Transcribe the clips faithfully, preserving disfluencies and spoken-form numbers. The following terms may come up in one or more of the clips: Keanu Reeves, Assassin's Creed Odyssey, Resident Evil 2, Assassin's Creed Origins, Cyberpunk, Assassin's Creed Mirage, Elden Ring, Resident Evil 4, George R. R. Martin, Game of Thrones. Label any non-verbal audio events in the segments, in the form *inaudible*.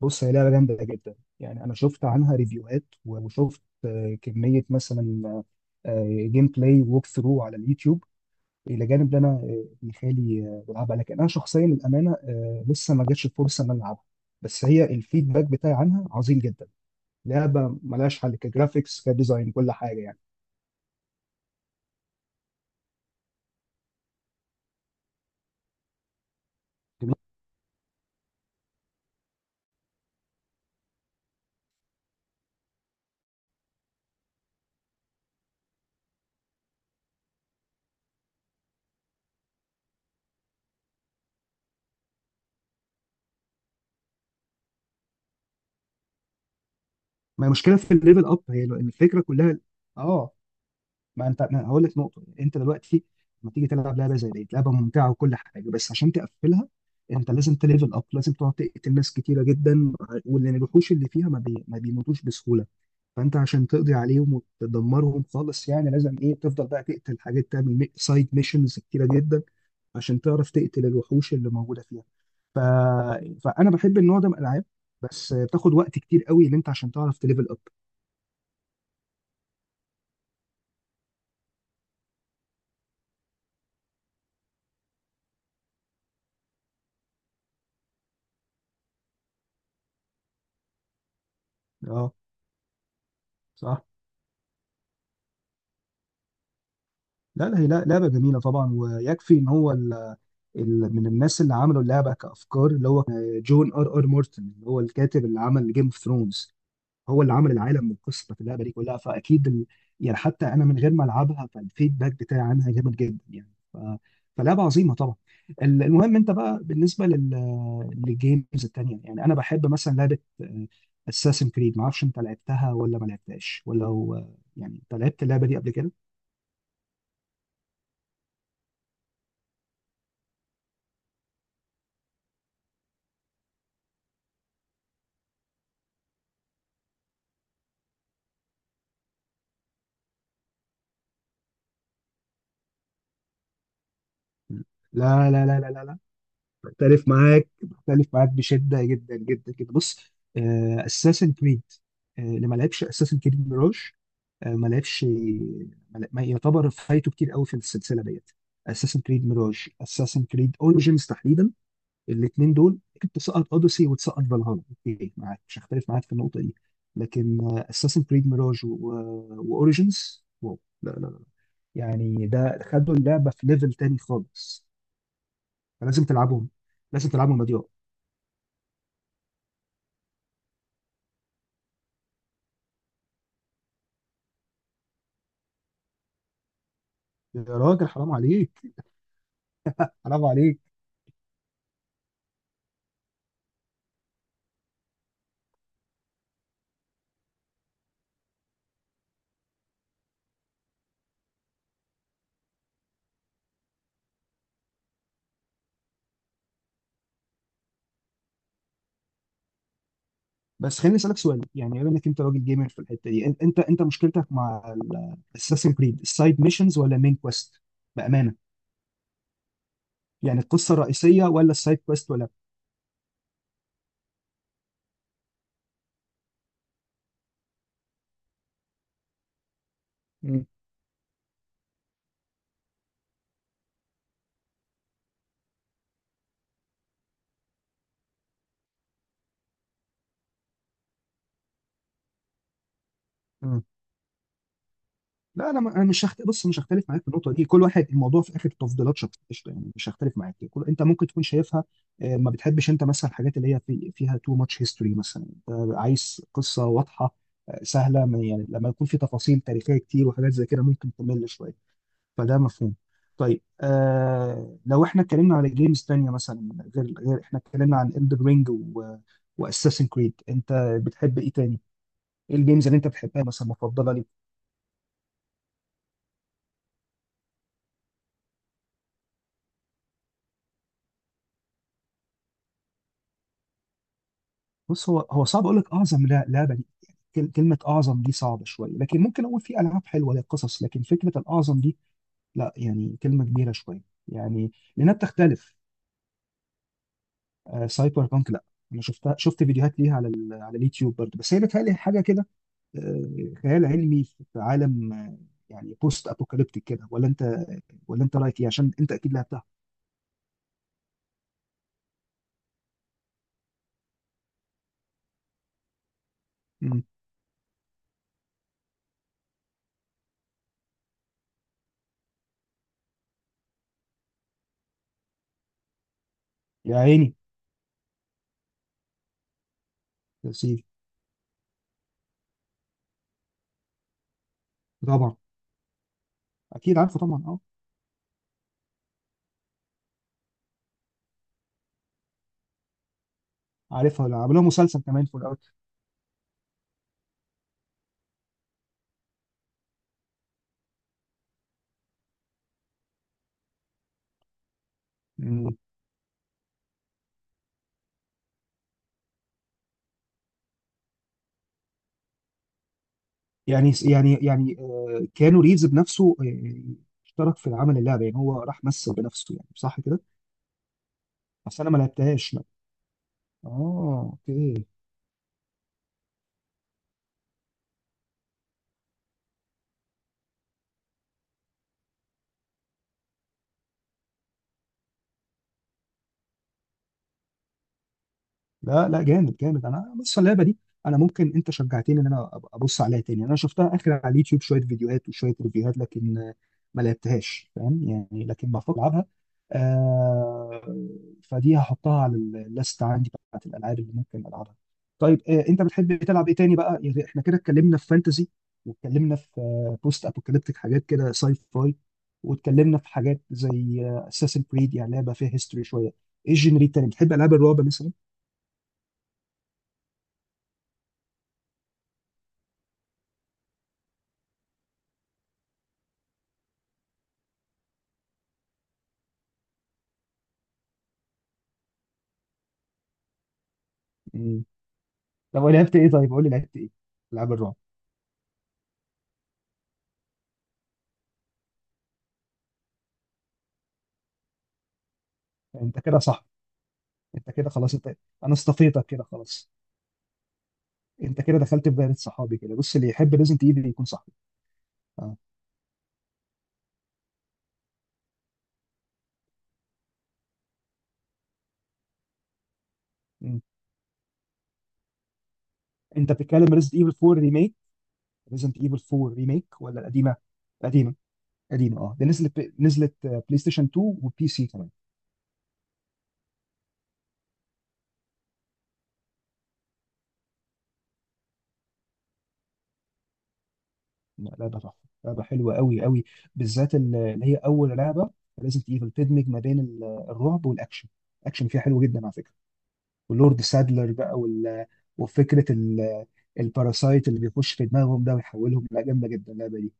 بص، هي لعبة جامدة جدا. يعني أنا شفت عنها ريفيوهات، وشفت آه، كمية مثلا جيم بلاي ووك ثرو على اليوتيوب، إلى جانب إن أنا آه، ابن خالي آه، بيلعبها. لكن أنا شخصيا الأمانة آه، لسه ما جاتش الفرصة إن أنا ألعبها. بس هي الفيدباك بتاعي عنها عظيم جدا. لعبة ملهاش حل، كجرافيكس، كديزاين، كل حاجة يعني. جميل. ما هي مشكلة في الليفل أب، هي الفكرة كلها. آه. ما انت أنا هقول لك نقطه، انت دلوقتي لما تيجي تلعب لعبه زي دي، لعبه ممتعه وكل حاجه، بس عشان تقفلها انت لازم تليفل اب، لازم تقعد تقتل ناس كتيره جدا. واللي الوحوش اللي فيها ما, بي... ما بيموتوش بسهوله. فانت عشان تقضي عليهم وتدمرهم خالص، يعني لازم ايه تفضل بقى تقتل حاجات، تعمل مي... سايد ميشنز كتيره جدا عشان تعرف تقتل الوحوش اللي موجوده فيها. ف... فانا بحب النوع ده من الالعاب. بس بتاخد وقت كتير قوي ان انت عشان تعرف تليفل اب. اه. صح. لا لا، هي لا- لعبه جميله طبعا، ويكفي ان هو ال- من الناس اللي عملوا اللعبه كافكار، اللي هو جون ار ار مورتن، اللي هو الكاتب اللي عمل جيم اوف ثرونز. هو اللي عمل العالم والقصه بتاعت اللعبه دي كلها، فاكيد ال... يعني حتى انا من غير ما العبها فالفيدباك بتاعي عنها جامد جدا يعني ف... فلعبه عظيمه طبعا. ال- المهم انت بقى بالنسبه لل... للجيمز التانيه، يعني انا بحب مثلا لعبه اساسن كريد. ما اعرفش انت لعبتها ولا ما لعبتهاش ولا هو، يعني انت لعبت اللعبه دي قبل كده؟ لا لا لا لا لا، بختلف معاك بختلف معاك بشده جدا جدا جدا. بص اساسن كريد، اللي ما لعبش اساسن كريد ميراج، آه، ما لعبش، ما ل- ما يعتبر فايته كتير قوي في السلسله ديت. اساسن كريد ميراج، اساسن كريد اوريجينز تحديدا، الاثنين دول كنت تسقط اوديسي وتسقط فالهالا، اوكي، معاك، مش هختلف معاك في النقطه دي. لكن اساسن كريد ميراج واوريجينز، واو، لا لا لا، يعني ده خدوا اللعبه في ليفل تاني خالص. فلازم تلعبهم. لازم تلعبهم يا ضياء. يا راجل حرام عليك حرام عليك. بس خليني اسالك سؤال، يعني بما انك انت راجل جيمر في الحته دي، انت انت انت مشكلتك مع الاساسن كريد، السايد ميشنز ولا المين كويست؟ بامانه، يعني القصه الرئيسيه ولا السايد كويست ولا؟ مم. مم. لا انا م- انا مش هخت... بص، مش هختلف معاك في النقطه دي. كل واحد الموضوع في اخر تفضيلات شخصيه، قشطة، يعني مش هختلف معاك. كل... انت ممكن تكون شايفها آه، ما بتحبش انت مثلا الحاجات اللي هي في... فيها تو ماتش هيستوري مثلا. انت عايز قصه واضحه آه، سهله، ما- يعني لما يكون في تفاصيل تاريخيه كتير وحاجات زي كده ممكن تمل شويه، فده مفهوم. طيب آه، لو احنا اتكلمنا على جيمز تانية مثلا، غير غير احنا اتكلمنا عن Elden Ring و واساسن كريد، انت بتحب ايه تاني؟ ايه الجيمز اللي انت بتحبها مثلا مفضله ليك؟ بص، هو هو صعب اقول لك اعظم لا- لعبه دي. يعني كل- كلمه اعظم دي صعبه شويه، لكن ممكن اقول في العاب حلوه ليها قصص. لكن فكره الاعظم دي لا، يعني كلمه كبيره شويه. يعني لانها بتختلف. آه، سايبر بانك، لا، انا شفتها، شفت فيديوهات ليها على ال- على اليوتيوب برضه، بس هي بتهيألي حاجه كده آه، خيال علمي في عالم، يعني بوست ابوكاليبتيك كده. ولا انت، ولا انت رايك ايه، عشان انت اكيد لعبتها. امم يا عيني. يا سيدي. طبعا. اكيد عارفه طبعا، اه. عارفها، لا، عملوها مسلسل كمان في الاول. مم. يعني يعني يعني آه، كانوا ريفز بنفسه، آه، اشترك في عمل اللعبه، يعني هو راح مثل بنفسه، يعني صح كده. بس انا ما لعبتهاش، لا. اه، اوكي. لا لا، جامد جامد. انا بص اللعبه دي، انا ممكن انت شجعتني ان انا أبقى ابص عليها تاني. انا شفتها اخر على اليوتيوب شويه فيديوهات وشويه ريفيوهات، لكن ما لعبتهاش فاهم يعني، لكن بفكر العبها. آه. فدي هحطها على الليست عندي بتاعت الالعاب اللي ممكن العبها. طيب آه، انت بتحب تلعب ايه تاني بقى؟ يعني احنا كده اتكلمنا في فانتزي، واتكلمنا في آه، بوست ابوكاليبتيك حاجات كده ساي فاي، واتكلمنا في حاجات زي اساسن كريد، يعني لعبه فيها هيستوري شويه. ايه الجنري التاني، بتحب العاب الرعب مثلا؟ طب لعبت ايه، طيب قول لي لعبت ايه العاب الرعب. انت كده صح، انت كده خلاص. انت انا اصطفيتك كده خلاص، انت كده دخلت في دايره صحابي. كده بص، اللي يحب ريزنت ايفل يكون صاحبي. اه. مم. انت بتتكلم ريزنت ايفل فور ريميك، ريزنت ايفل فور ريميك ولا القديمه؟ قديمه. قديمه، اه، دي نزلت، نزلت آه، بلاي ستيشن اتنين وبي سي كمان. لا، لعبه تحفه. لعبه حلوه قوي قوي. بالذات ال- اللي هي اول لعبه ريزنت ايفل، تدمج ما بين ال- الرعب والاكشن. الاكشن فيها حلو جدا على فكره. ولورد سادلر بقى وال... وفكره ال... الباراسايت اللي بيخش في دماغهم ده ويحولهم، لا جامده جدا اللعبه دي.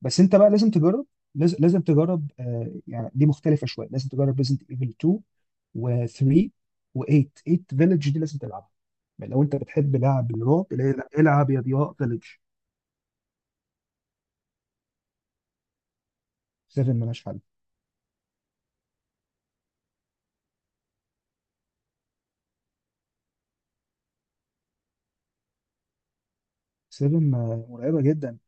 بس انت بقى لازم تجرب، لازم لازم تجرب. آه يعني دي مختلفه شويه، لازم تجرب ريزنت ايفل اتنين و3 و8. تمنية فيلج دي لازم تلعبها. يعني لو انت بتحب لعب الرعب لا- لا، العب يا ضياء فيلج سبعة، ملهاش حل. سبعة مرعبه جدا.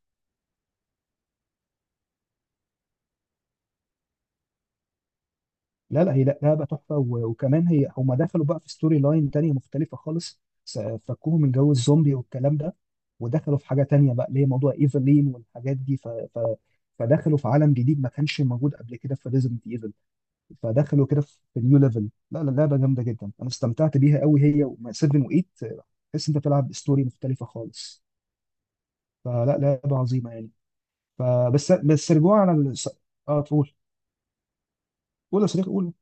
لا لا هي لا لعبه تحفه، و- وكمان هي هم دخلوا بقى في ستوري لاين تانية مختلفه خالص. س- فكوهم من جو الزومبي والكلام ده، ودخلوا في حاجه تانية بقى اللي هي موضوع ايفلين والحاجات دي ف... ف... فدخلوا في عالم جديد ما كانش موجود قبل كده في ريزنت ايفل. فدخلوا كده في نيو ليفل. لا لا لعبه جامده جدا، انا استمتعت بيها قوي، هي و سبعة و8. تحس انت بتلعب ستوري مختلفه خالص. فلا لعبه عظيمه يعني. فبس بس رجوعا على الس- اه تقول. قول يا صديقي قول.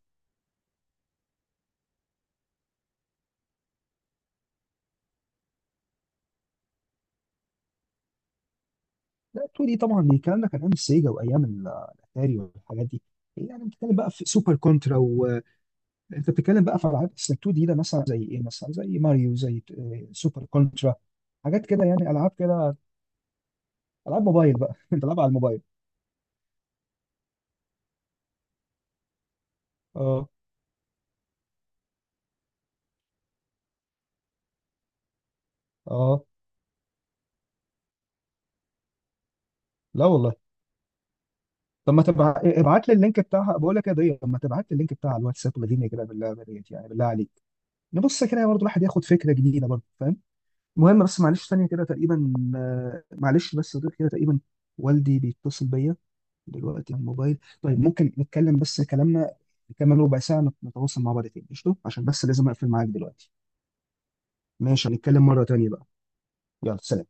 لا تو دي طبعا، دي الكلام ده كان ايام السيجا وايام ال- الاتاري والحاجات دي. إيه، يعني بتتكلم بقى في سوبر كونترا وانت بتتكلم بقى في العاب اصل تو دي، ده مثلا زي ايه، مثلا زي ماريو، زي آه، سوبر كونترا، حاجات كده يعني العاب كده. العاب موبايل بقى *laughs* انت العاب على الموبايل. اه. اه. لا والله. طب ما تبع ابعت لي اللينك بتاعها، بقول لك يا ضيق، طب ما تبعت لي اللينك بتاع الواتساب ولادينا كده بالله ديت يعني بالله عليك. نبص كده برضه الواحد ياخد فكره جديده برضه، فاهم. المهم، بس معلش ثانيه كده تقريبا، آه، معلش بس يا ضيق كده تقريبا، والدي بيتصل بيا دلوقتي على الموبايل. طيب ممكن نتكلم، بس كلامنا كمان ربع ساعة نتواصل مع بعض تاني قشطة، عشان بس لازم أقفل معاك دلوقتي. ماشي، هنتكلم مرة تانية بقى. يلا، سلام.